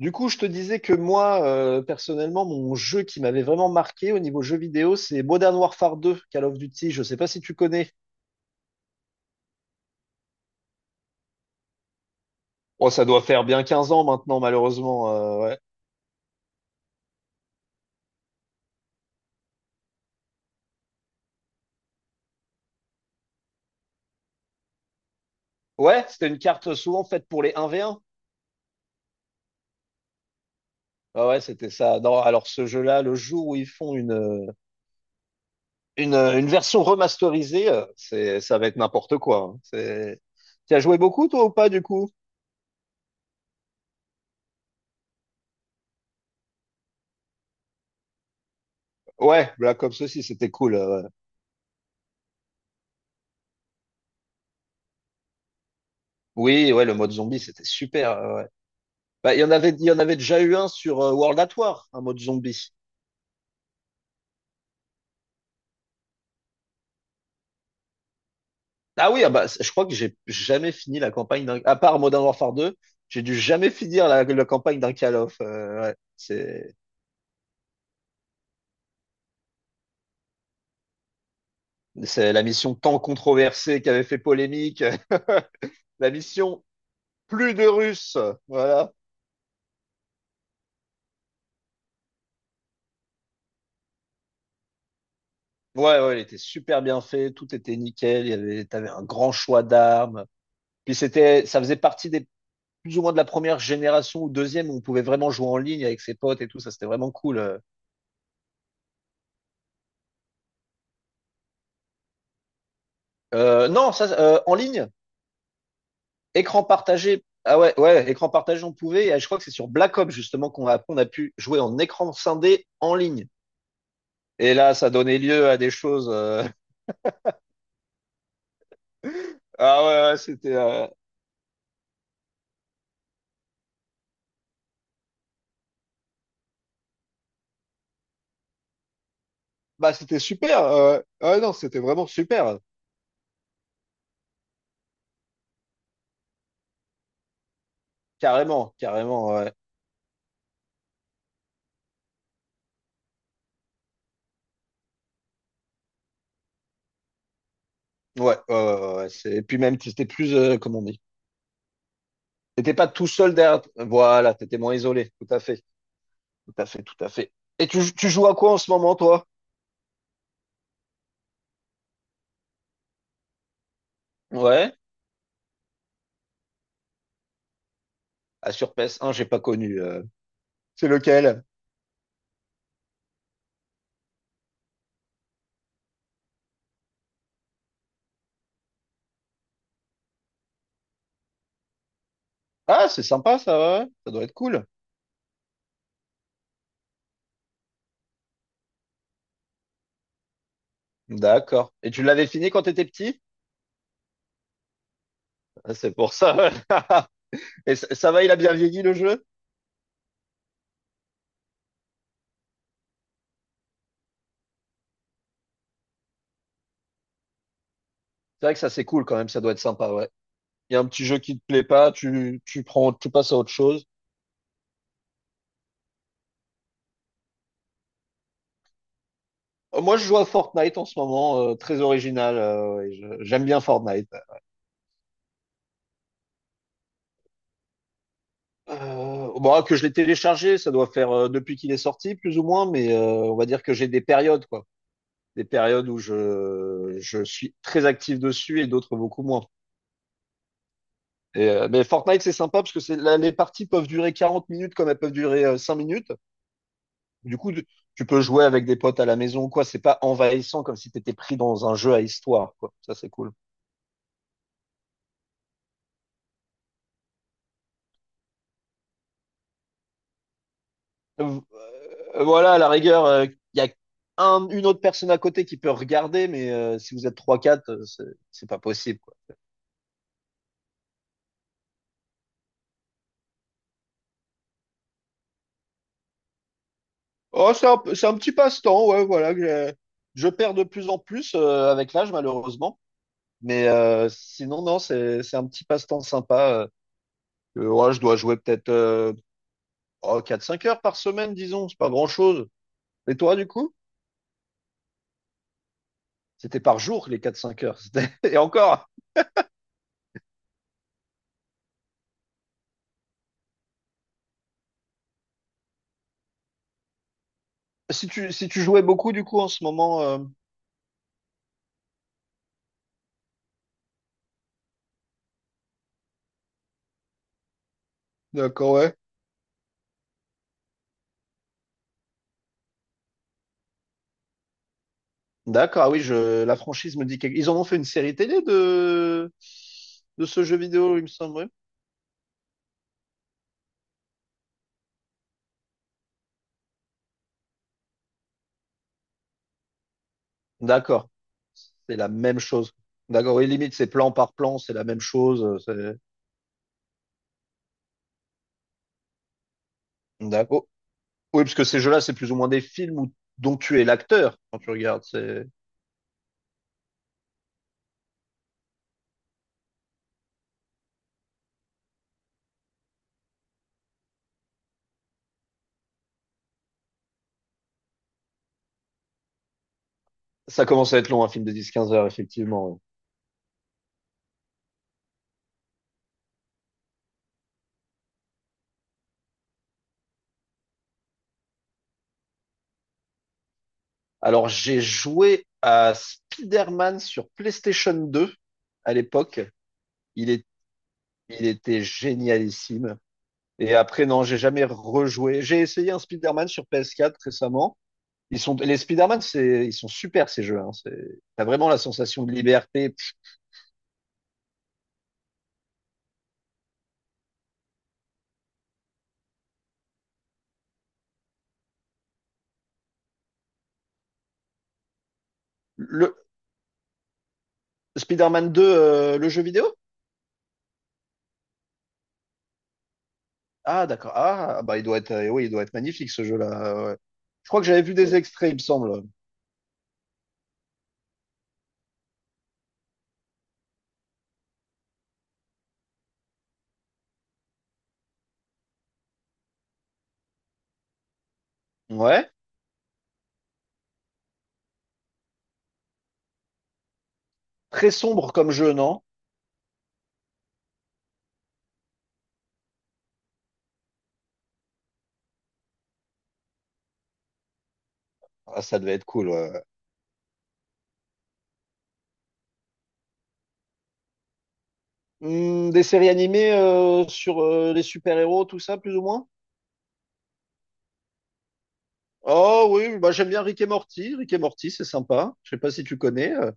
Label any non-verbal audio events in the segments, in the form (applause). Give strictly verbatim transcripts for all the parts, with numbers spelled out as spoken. Du coup, je te disais que moi, euh, personnellement, mon jeu qui m'avait vraiment marqué au niveau jeu vidéo, c'est Modern Warfare deux, Call of Duty. Je sais pas si tu connais. Oh, ça doit faire bien quinze ans maintenant, malheureusement. euh, ouais. Ouais, c'était une carte souvent faite pour les un v un. Ah ouais, c'était ça. Non, alors ce jeu-là, le jour où ils font une, euh, une, euh, une version remasterisée, euh, c'est, ça va être n'importe quoi, hein. C'est... Tu as joué beaucoup, toi, ou pas, du coup? Ouais, Black Ops aussi, c'était cool. Euh, ouais. Oui, ouais, le mode zombie, c'était super. Euh, ouais. Bah, il y en avait, il y en avait déjà eu un sur euh, World at War, un mode zombie. Ah oui, ah bah, je crois que j'ai jamais fini la campagne d'un, à part Modern Warfare deux, j'ai dû jamais finir la, la campagne d'un Call of. Euh, ouais. C'est, c'est la mission tant controversée qui avait fait polémique. (laughs) La mission plus de Russes. Voilà. Ouais, ouais, elle était super bien faite. Tout était nickel. Il y avait, t'avais un grand choix d'armes. Puis c'était, ça faisait partie des, plus ou moins de la première génération ou deuxième, où on pouvait vraiment jouer en ligne avec ses potes et tout. Ça, c'était vraiment cool. euh. Euh, non, ça, euh, En ligne, écran partagé. Ah ouais, ouais, écran partagé, on pouvait. Et je crois que c'est sur Black Ops justement qu'on a, on a pu jouer en écran scindé en ligne. Et là, ça donnait lieu à des choses. euh, (laughs) Ah ouais, ouais, c'était, euh, bah C'était super. euh, Ouais, non, c'était vraiment super. Carrément, carrément. Ouais, ouais, ouais, ouais, ouais, ouais, c'est- Et puis même, c'était plus, euh, comment on dit, t'étais pas tout seul derrière. Voilà, t'étais moins isolé. Tout à fait, tout à fait, tout à fait. Et tu, tu joues à quoi en ce moment, toi? Ouais. Ah, sur P S un, j'ai pas connu. euh, C'est lequel? Ah, c'est sympa ça, ouais. Ça doit être cool. D'accord. Et tu l'avais fini quand t'étais petit? Ah, c'est pour ça. (laughs) Et ça, ça va, il a bien vieilli le jeu? C'est vrai que ça c'est cool quand même, ça doit être sympa, ouais. Il y a un petit jeu qui te plaît pas, tu, tu prends, tu passes à autre chose. Euh, Moi, je joue à Fortnite en ce moment, euh, très original. Euh, ouais, je- j'aime bien Fortnite. Euh, bon, ah, que je l'ai téléchargé, ça doit faire euh, depuis qu'il est sorti, plus ou moins, mais euh, on va dire que j'ai des périodes, quoi. Des périodes où je, je suis très actif dessus et d'autres beaucoup moins. Et, euh, mais Fortnite, c'est sympa parce que c'est, là, les parties peuvent durer quarante minutes comme elles peuvent durer euh, cinq minutes. Du coup, tu tu peux jouer avec des potes à la maison ou quoi. C'est pas envahissant comme si tu étais pris dans un jeu à histoire, quoi. Ça, c'est cool. Euh, euh, voilà, à la rigueur, euh, il y a un- une autre personne à côté qui peut regarder, mais euh, si vous êtes trois quatre, euh, c'est c'est pas possible, quoi. Oh, c'est un, p- c'est un petit passe-temps, ouais, voilà. Que j'ai- je perds de plus en plus euh, avec l'âge, malheureusement. Mais euh, sinon, non, c'est c'est un petit passe-temps sympa. Euh, Euh, ouais, je dois jouer peut-être euh, oh, quatre cinq heures par semaine, disons, c'est pas grand-chose. Et toi, du coup? C'était par jour, les quatre-cinq heures. C'était- (laughs) Et encore, si tu, si tu jouais beaucoup, du coup, en ce moment, euh, D'accord, ouais. D'accord, ah oui, je, la franchise me dit quelque... Ils en ont fait une série télé de, de ce jeu vidéo, il me semble. Oui. D'accord, c'est la même chose. D'accord, oui, limite, c'est plan par plan, c'est la même chose. euh, c'est- D'accord. Oui, parce que ces jeux-là, c'est plus ou moins des films où- dont tu es l'acteur quand tu regardes. C'est... Ça commence à être long, un film de dix, quinze heures, effectivement. Ouais. Alors, j'ai joué à Spider-Man sur PlayStation deux à l'époque. Il est, il était génialissime. Et après, non, j'ai jamais rejoué. J'ai essayé un Spider-Man sur P S quatre récemment. Ils sont, les Spider-Man, c'est, ils sont super, ces jeux, hein. C'est, t'as vraiment la sensation de liberté. Le Spider-Man deux, euh, le jeu vidéo? Ah, d'accord. Ah, bah, il doit être, euh, oui, il doit être magnifique, ce jeu-là. Ouais. Je crois que j'avais vu des extraits, il me semble. Ouais. Très sombre comme jeu, non? Ah, ça devait être cool. Ouais. Hmm, des séries animées euh, sur euh, les super-héros, tout ça, plus ou moins? Oh oui, bah, j'aime bien Rick et Morty. Rick et Morty, c'est sympa. Je sais pas si tu connais. euh.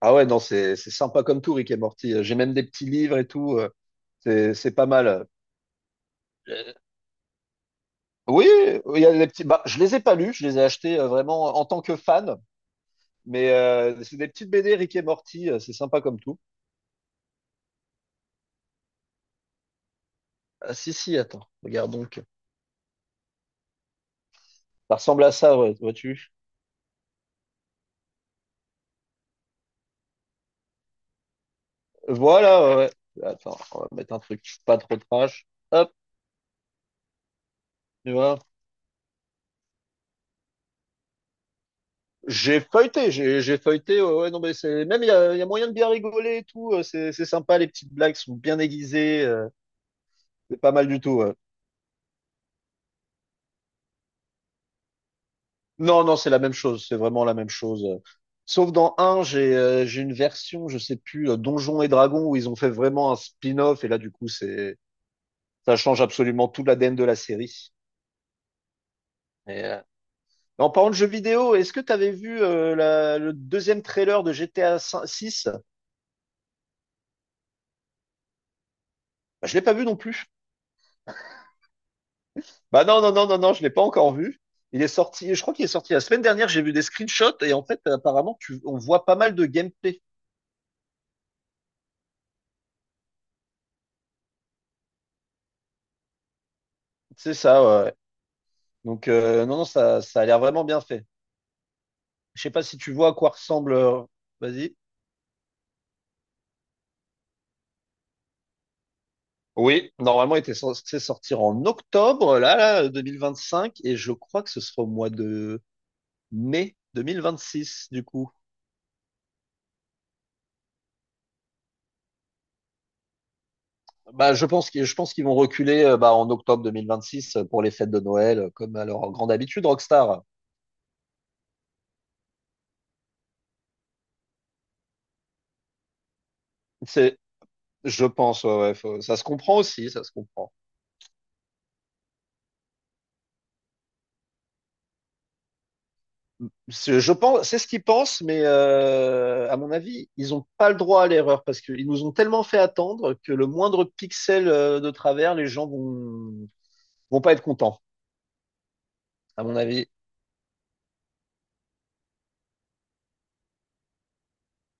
Ah ouais, non, c'est c'est sympa comme tout, Rick et Morty. J'ai même des petits livres et tout. euh, C'est c'est pas mal. Euh, Oui, il y a des petits. Bah, je les ai pas lus. Je les ai achetés euh, vraiment en tant que fan. Mais euh, c'est des petites B D Rick et Morty. euh, C'est sympa comme tout. Ah si si, attends, regarde donc. Ça ressemble à ça, ouais, vois-tu? Voilà, ouais. Ouais. Attends, on va mettre un truc pas trop trash. Hop, tu vois. J'ai feuilleté, j'ai j'ai feuilleté. Ouais, ouais, non, mais c'est même il y a, il y a moyen de bien rigoler et tout. euh, C'est c'est sympa, les petites blagues sont bien aiguisées. euh, C'est pas mal du tout. Ouais. Non, non, c'est la même chose. C'est vraiment la même chose. euh. Sauf dans un, j'ai euh, j'ai une version, je sais plus, euh, Donjons et Dragons, où ils ont fait vraiment un spin-off, et là du coup c'est ça change absolument tout la l'A D N de la série. Et, euh, en parlant de jeux vidéo, est-ce que tu avais vu euh, la- le deuxième trailer de G T A six? Bah, je l'ai pas vu non plus. Bah non, non, non, non, non, je l'ai pas encore vu. Il est sorti, je crois qu'il est sorti la semaine dernière, j'ai vu des screenshots et en fait, apparemment, tu, on voit pas mal de gameplay. C'est ça, ouais. Ouais. Donc, euh, non, non, ça, ça a l'air vraiment bien fait. Je sais pas si tu vois à quoi ressemble. euh, Vas-y. Oui, normalement, il était censé sortir en octobre, là, là, deux mille vingt-cinq, et je crois que ce sera au mois de mai deux mille vingt-six, du coup. Bah, je pense qu'ils, je pense qu'ils vont reculer euh, bah, en octobre deux mille vingt-six, euh, pour les fêtes de Noël, euh, comme à leur grande habitude, Rockstar. C'est, je pense, ouais, ouais, faut- ça se comprend aussi, ça se comprend. C'est- Je pense, c'est ce qu'ils pensent, mais euh, à mon avis, ils n'ont pas le droit à l'erreur, parce qu'ils nous ont tellement fait attendre que le moindre pixel euh, de travers, les gens vont vont pas être contents. À mon avis,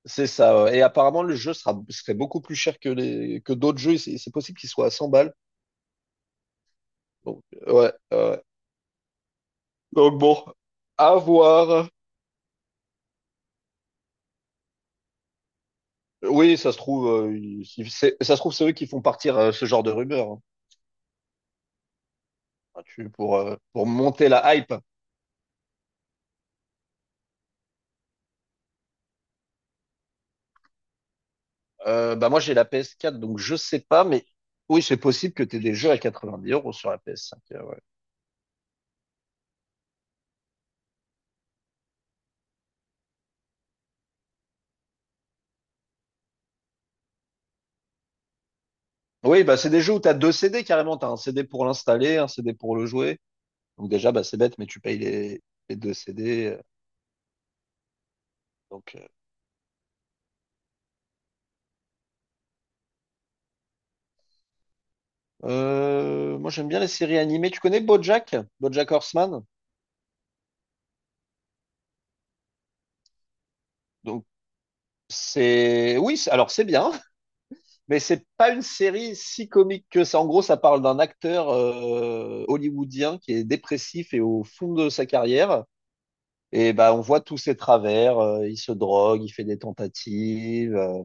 c'est ça. Ouais. Et apparemment, le jeu sera serait beaucoup plus cher que les que d'autres jeux. C'est c'est possible qu'il soit à cent balles. Donc, ouais. euh, Donc bon, à voir. Oui, ça se trouve, euh, ils- ils- c'est- ça se trouve, c'est eux qui font partir euh, ce genre de rumeurs, hein. Enfin, tu, pour, euh, pour monter la hype. Euh, bah moi, j'ai la ps quatre, donc je sais pas, mais oui, c'est possible que tu aies des jeux à quatre-vingt-dix euros sur la ps cinq. Euh, ouais. Oui, bah c'est des jeux où tu as deux C D carrément. Tu as un C D pour l'installer, un C D pour le jouer. Donc déjà, bah, c'est bête, mais tu payes les, les deux C D. euh, Donc, euh, euh, moi, j'aime bien les séries animées. Tu connais BoJack, BoJack Horseman? Donc, c'est oui, c'est- alors c'est bien. Mais c'est pas une série si comique que ça. En gros, ça parle d'un acteur euh, hollywoodien qui est dépressif et au fond de sa carrière. Et bah, on voit tous ses travers. Euh, il se drogue, il fait des tentatives. Euh,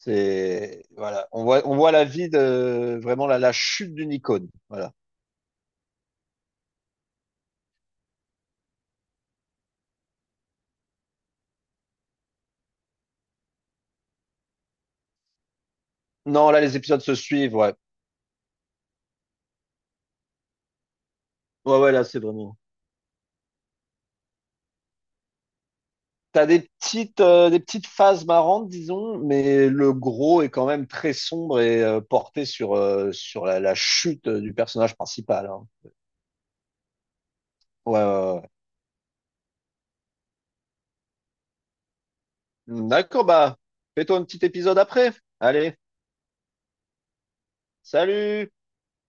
c'est Voilà. On voit, on voit la vie de vraiment la, la chute d'une icône. Voilà. Non, là, les épisodes se suivent. Ouais. Ouais, ouais, là, c'est vraiment. T'as des petites, euh, des petites phases marrantes, disons, mais le gros est quand même très sombre et euh, porté sur, euh, sur la, la chute du personnage principal, hein. Ouais, ouais, ouais. D'accord, bah, fais-toi un petit épisode après. Allez, salut!